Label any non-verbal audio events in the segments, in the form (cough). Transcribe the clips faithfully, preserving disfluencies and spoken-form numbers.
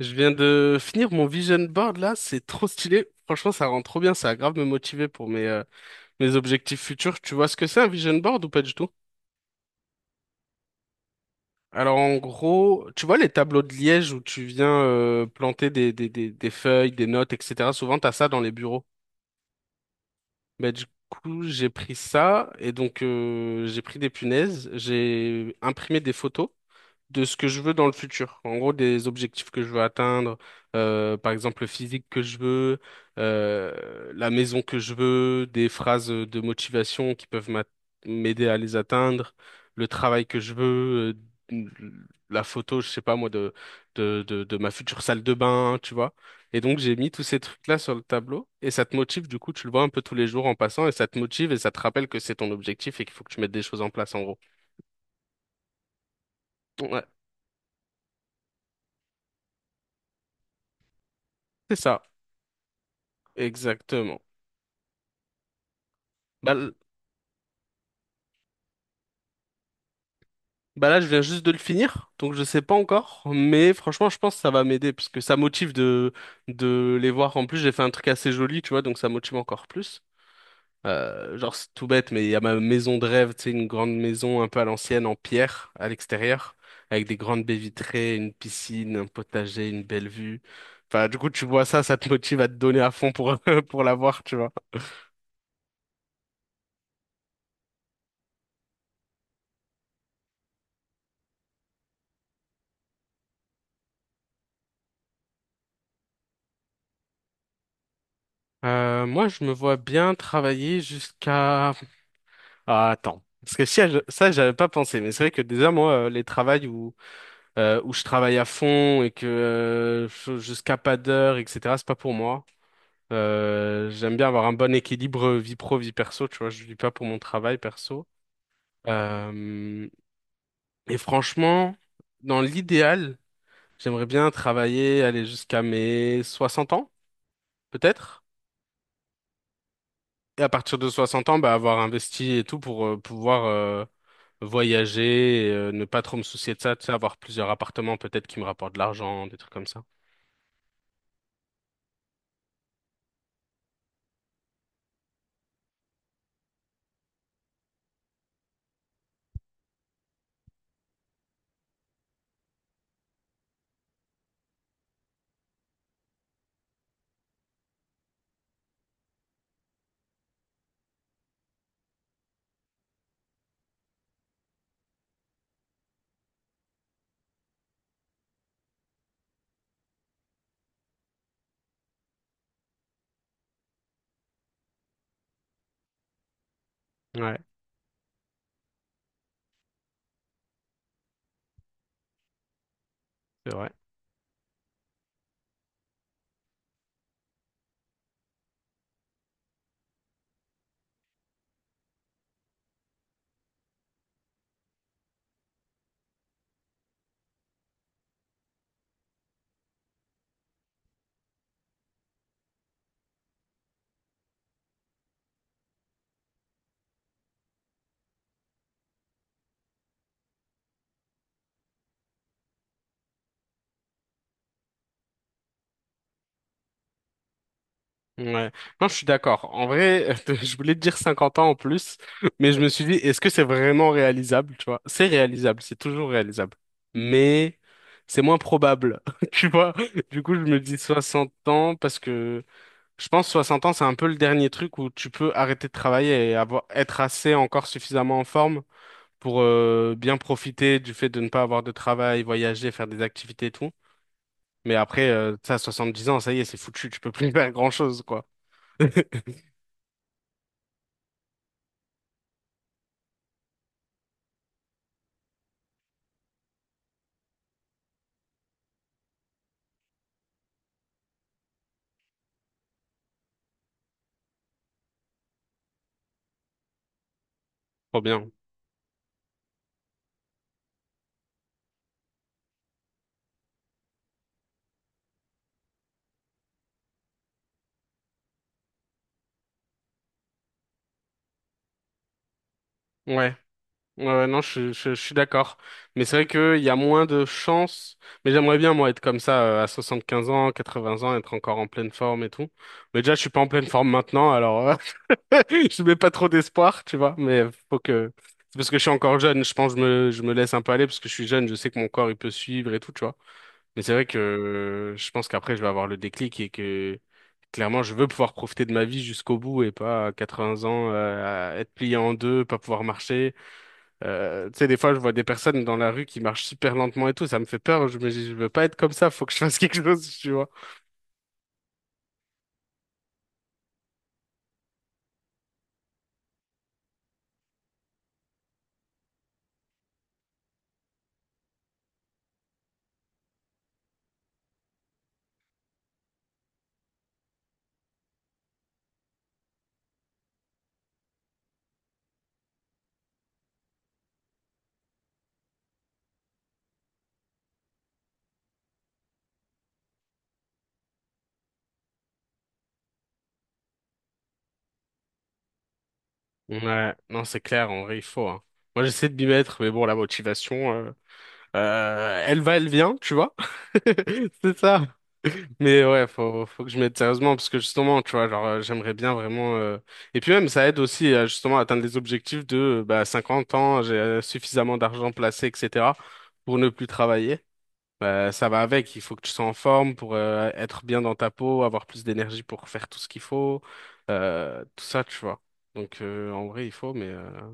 Je viens de finir mon vision board là, c'est trop stylé. Franchement, ça rend trop bien, ça a grave me motiver pour mes, euh, mes objectifs futurs. Tu vois ce que c'est un vision board ou pas du tout? Alors en gros, tu vois les tableaux de liège où tu viens euh, planter des, des, des, des feuilles, des notes, et cetera. Souvent, t'as ça dans les bureaux. Bah, du coup, j'ai pris ça et donc euh, j'ai pris des punaises, j'ai imprimé des photos de ce que je veux dans le futur. En gros, des objectifs que je veux atteindre, euh, par exemple le physique que je veux, euh, la maison que je veux, des phrases de motivation qui peuvent m'a- m'aider à les atteindre, le travail que je veux, euh, la photo, je sais pas moi, de, de, de, de ma future salle de bain, tu vois. Et donc j'ai mis tous ces trucs-là sur le tableau et ça te motive, du coup, tu le vois un peu tous les jours en passant et ça te motive et ça te rappelle que c'est ton objectif et qu'il faut que tu mettes des choses en place en gros. Ouais, c'est ça, exactement. Bah, l- Bah là, je viens juste de le finir, donc je sais pas encore, mais franchement, je pense que ça va m'aider parce que ça motive de de les voir. En plus, j'ai fait un truc assez joli, tu vois, donc ça motive encore plus. Euh, genre, c'est tout bête, mais il y a ma maison de rêve, tu sais, une grande maison un peu à l'ancienne en pierre à l'extérieur, avec des grandes baies vitrées, une piscine, un potager, une belle vue. Enfin, du coup, tu vois ça, ça te motive à te donner à fond pour (laughs) pour l'avoir, tu vois. Euh, moi, je me vois bien travailler jusqu'à... Ah, attends. Parce que si, ça, j'avais pas pensé, mais c'est vrai que déjà, moi, euh, les travails où, euh, où je travaille à fond et que euh, je- jusqu'à pas d'heure, et cetera, c'est pas pour moi. Euh, j'aime bien avoir un bon équilibre euh, vie pro, vie perso, tu vois, je vis pas pour mon travail perso. Euh, et franchement, dans l'idéal, j'aimerais bien travailler, aller jusqu'à mes soixante ans, peut-être. Et à partir de soixante ans, bah, avoir investi et tout pour euh, pouvoir euh, voyager, euh, ne pas trop me soucier de ça, tu sais, avoir plusieurs appartements peut-être qui me rapportent de l'argent, des trucs comme ça. Ouais, c'est vrai. Ouais. Non, je suis d'accord. En vrai, (laughs) je voulais te dire cinquante ans en plus, mais je me suis dit, est-ce que c'est vraiment réalisable, tu vois? C'est réalisable, c'est toujours réalisable. Mais c'est moins probable, (laughs) tu vois? Du coup, je me dis soixante ans parce que je pense soixante ans, c'est un peu le dernier truc où tu peux arrêter de travailler et avoir, être assez encore suffisamment en forme pour euh, bien profiter du fait de ne pas avoir de travail, voyager, faire des activités et tout. Mais après, euh, ça, dix ans, ça y est, c'est foutu, tu peux plus (laughs) faire grand-chose, quoi. (laughs) Trop bien. Ouais. Ouais, ouais, non, je, je, je suis d'accord. Mais c'est vrai qu'il y a moins de chances. Mais j'aimerais bien, moi, être comme ça, euh, à quinze ans, quatre-vingts ans, être encore en pleine forme et tout. Mais déjà, je suis pas en pleine forme maintenant, alors euh, (laughs) je mets pas trop d'espoir, tu vois. Mais faut que... C'est parce que je suis encore jeune, je pense que je me, je me laisse un peu aller, parce que je suis jeune, je sais que mon corps, il peut suivre et tout, tu vois. Mais c'est vrai que euh, je pense qu'après, je vais avoir le déclic et que clairement, je veux pouvoir profiter de ma vie jusqu'au bout et pas à quatre-vingts ans euh, à être plié en deux, pas pouvoir marcher. Euh, tu sais, des fois, je vois des personnes dans la rue qui marchent super lentement et tout, ça me fait peur. Je me dis, je veux pas être comme ça, faut que je (laughs) fasse quelque chose, tu vois. Ouais, non, c'est clair, en vrai, il faut, hein. Moi, j'essaie de m'y mettre, mais bon, la motivation. Euh, Euh, elle va, elle vient, tu vois. (laughs) C'est ça. Mais ouais, faut, faut que je m'aide sérieusement parce que justement, tu vois, genre, euh, j'aimerais bien vraiment. euh, Et puis même, ça aide aussi à justement atteindre les objectifs de euh, bah, cinquante ans, j'ai euh, suffisamment d'argent placé, et cetera pour ne plus travailler. Bah, ça va avec, il faut que tu sois en forme pour euh, être bien dans ta peau, avoir plus d'énergie pour faire tout ce qu'il faut, euh, tout ça, tu vois. Donc euh, en vrai, il faut, mais. euh,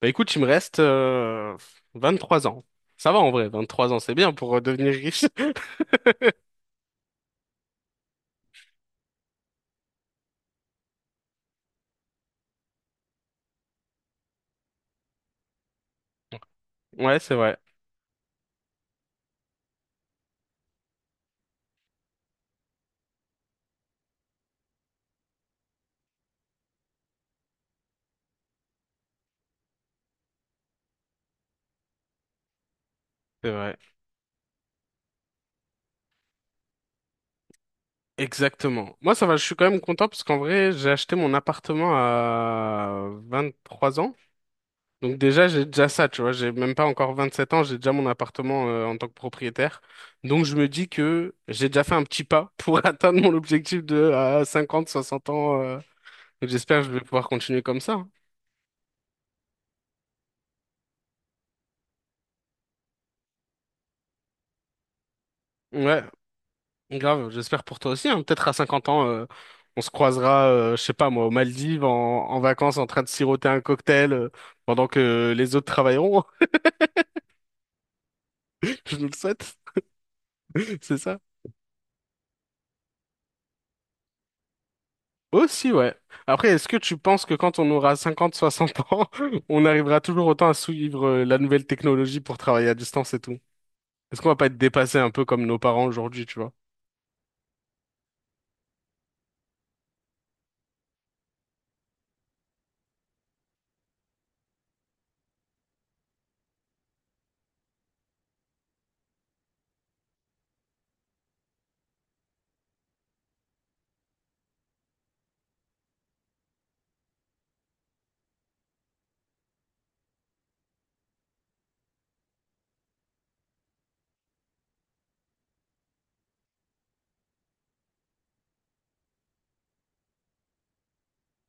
Bah écoute, il me reste euh, trois ans. Ça va en vrai, vingt trois ans, c'est bien pour euh, devenir riche. (laughs) Ouais, c'est vrai, c'est vrai. Exactement. Moi, ça va, je suis quand même content parce qu'en vrai, j'ai acheté mon appartement à vingt trois ans. Donc déjà, j'ai déjà ça, tu vois, j'ai même pas encore vingt sept ans, j'ai déjà mon appartement euh, en tant que propriétaire. Donc je me dis que j'ai déjà fait un petit pas pour (laughs) atteindre mon objectif de à cinquante soixante ans. euh. Donc j'espère que je vais pouvoir continuer comme ça, hein. Ouais, grave, j'espère pour toi aussi, hein. Peut-être à cinquante ans, euh, on se croisera, euh, je sais pas moi, aux Maldives, en, en vacances, en train de siroter un cocktail, euh, pendant que les autres travailleront. (laughs) Je nous le souhaite, c'est ça? Aussi, ouais. Après, est-ce que tu penses que quand on aura cinquante, soixante ans, (laughs) on arrivera toujours autant à suivre, euh, la nouvelle technologie pour travailler à distance et tout? Est-ce qu'on va pas être dépassé un peu comme nos parents aujourd'hui, tu vois?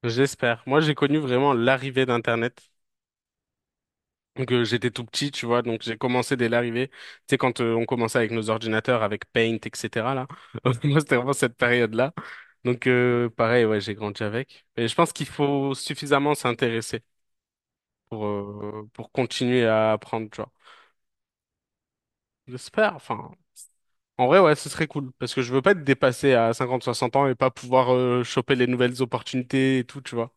J'espère. Moi, j'ai connu vraiment l'arrivée d'Internet. Donc, euh, j'étais tout petit, tu vois, donc j'ai commencé dès l'arrivée. Tu sais, quand euh, on commençait avec nos ordinateurs, avec Paint, et cetera, là. (laughs) Moi, c'était vraiment cette période-là. Donc, euh, pareil, ouais, j'ai grandi avec. Et je pense qu'il faut suffisamment s'intéresser pour, euh, pour continuer à apprendre, tu vois. J'espère, enfin. En vrai, ouais, ce serait cool. Parce que je veux pas être dépassé à cinquante soixante ans et pas pouvoir euh, choper les nouvelles opportunités et tout, tu vois.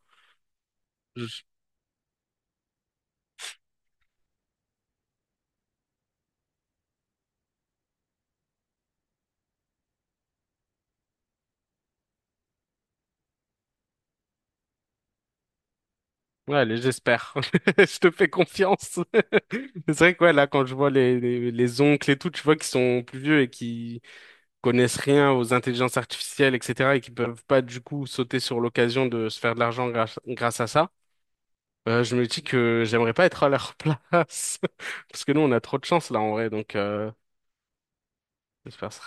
Ouais, allez, j'espère. (laughs) Je te fais confiance. (laughs) C'est vrai que ouais, là, quand je vois les, les, les oncles et tout, tu vois, qui sont plus vieux et qui connaissent rien aux intelligences artificielles, et cetera, et qui peuvent pas, du coup, sauter sur l'occasion de se faire de l'argent grâce, grâce à ça, euh, je me dis que j'aimerais pas être à leur (laughs) place. Parce que nous, on a trop de chance, là, en vrai, donc, euh, j'espère ça.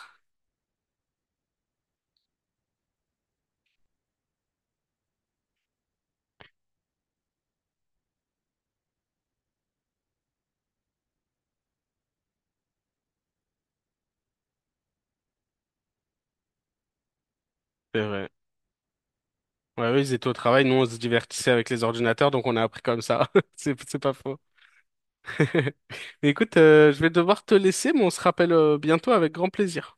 C'est vrai. Ouais, ouais, oui, ils étaient au travail, nous, on se divertissait avec les ordinateurs, donc on a appris comme ça. (laughs) C'est, c'est pas faux. (laughs) Mais écoute, euh, je vais devoir te laisser, mais on se rappelle euh, bientôt avec grand plaisir.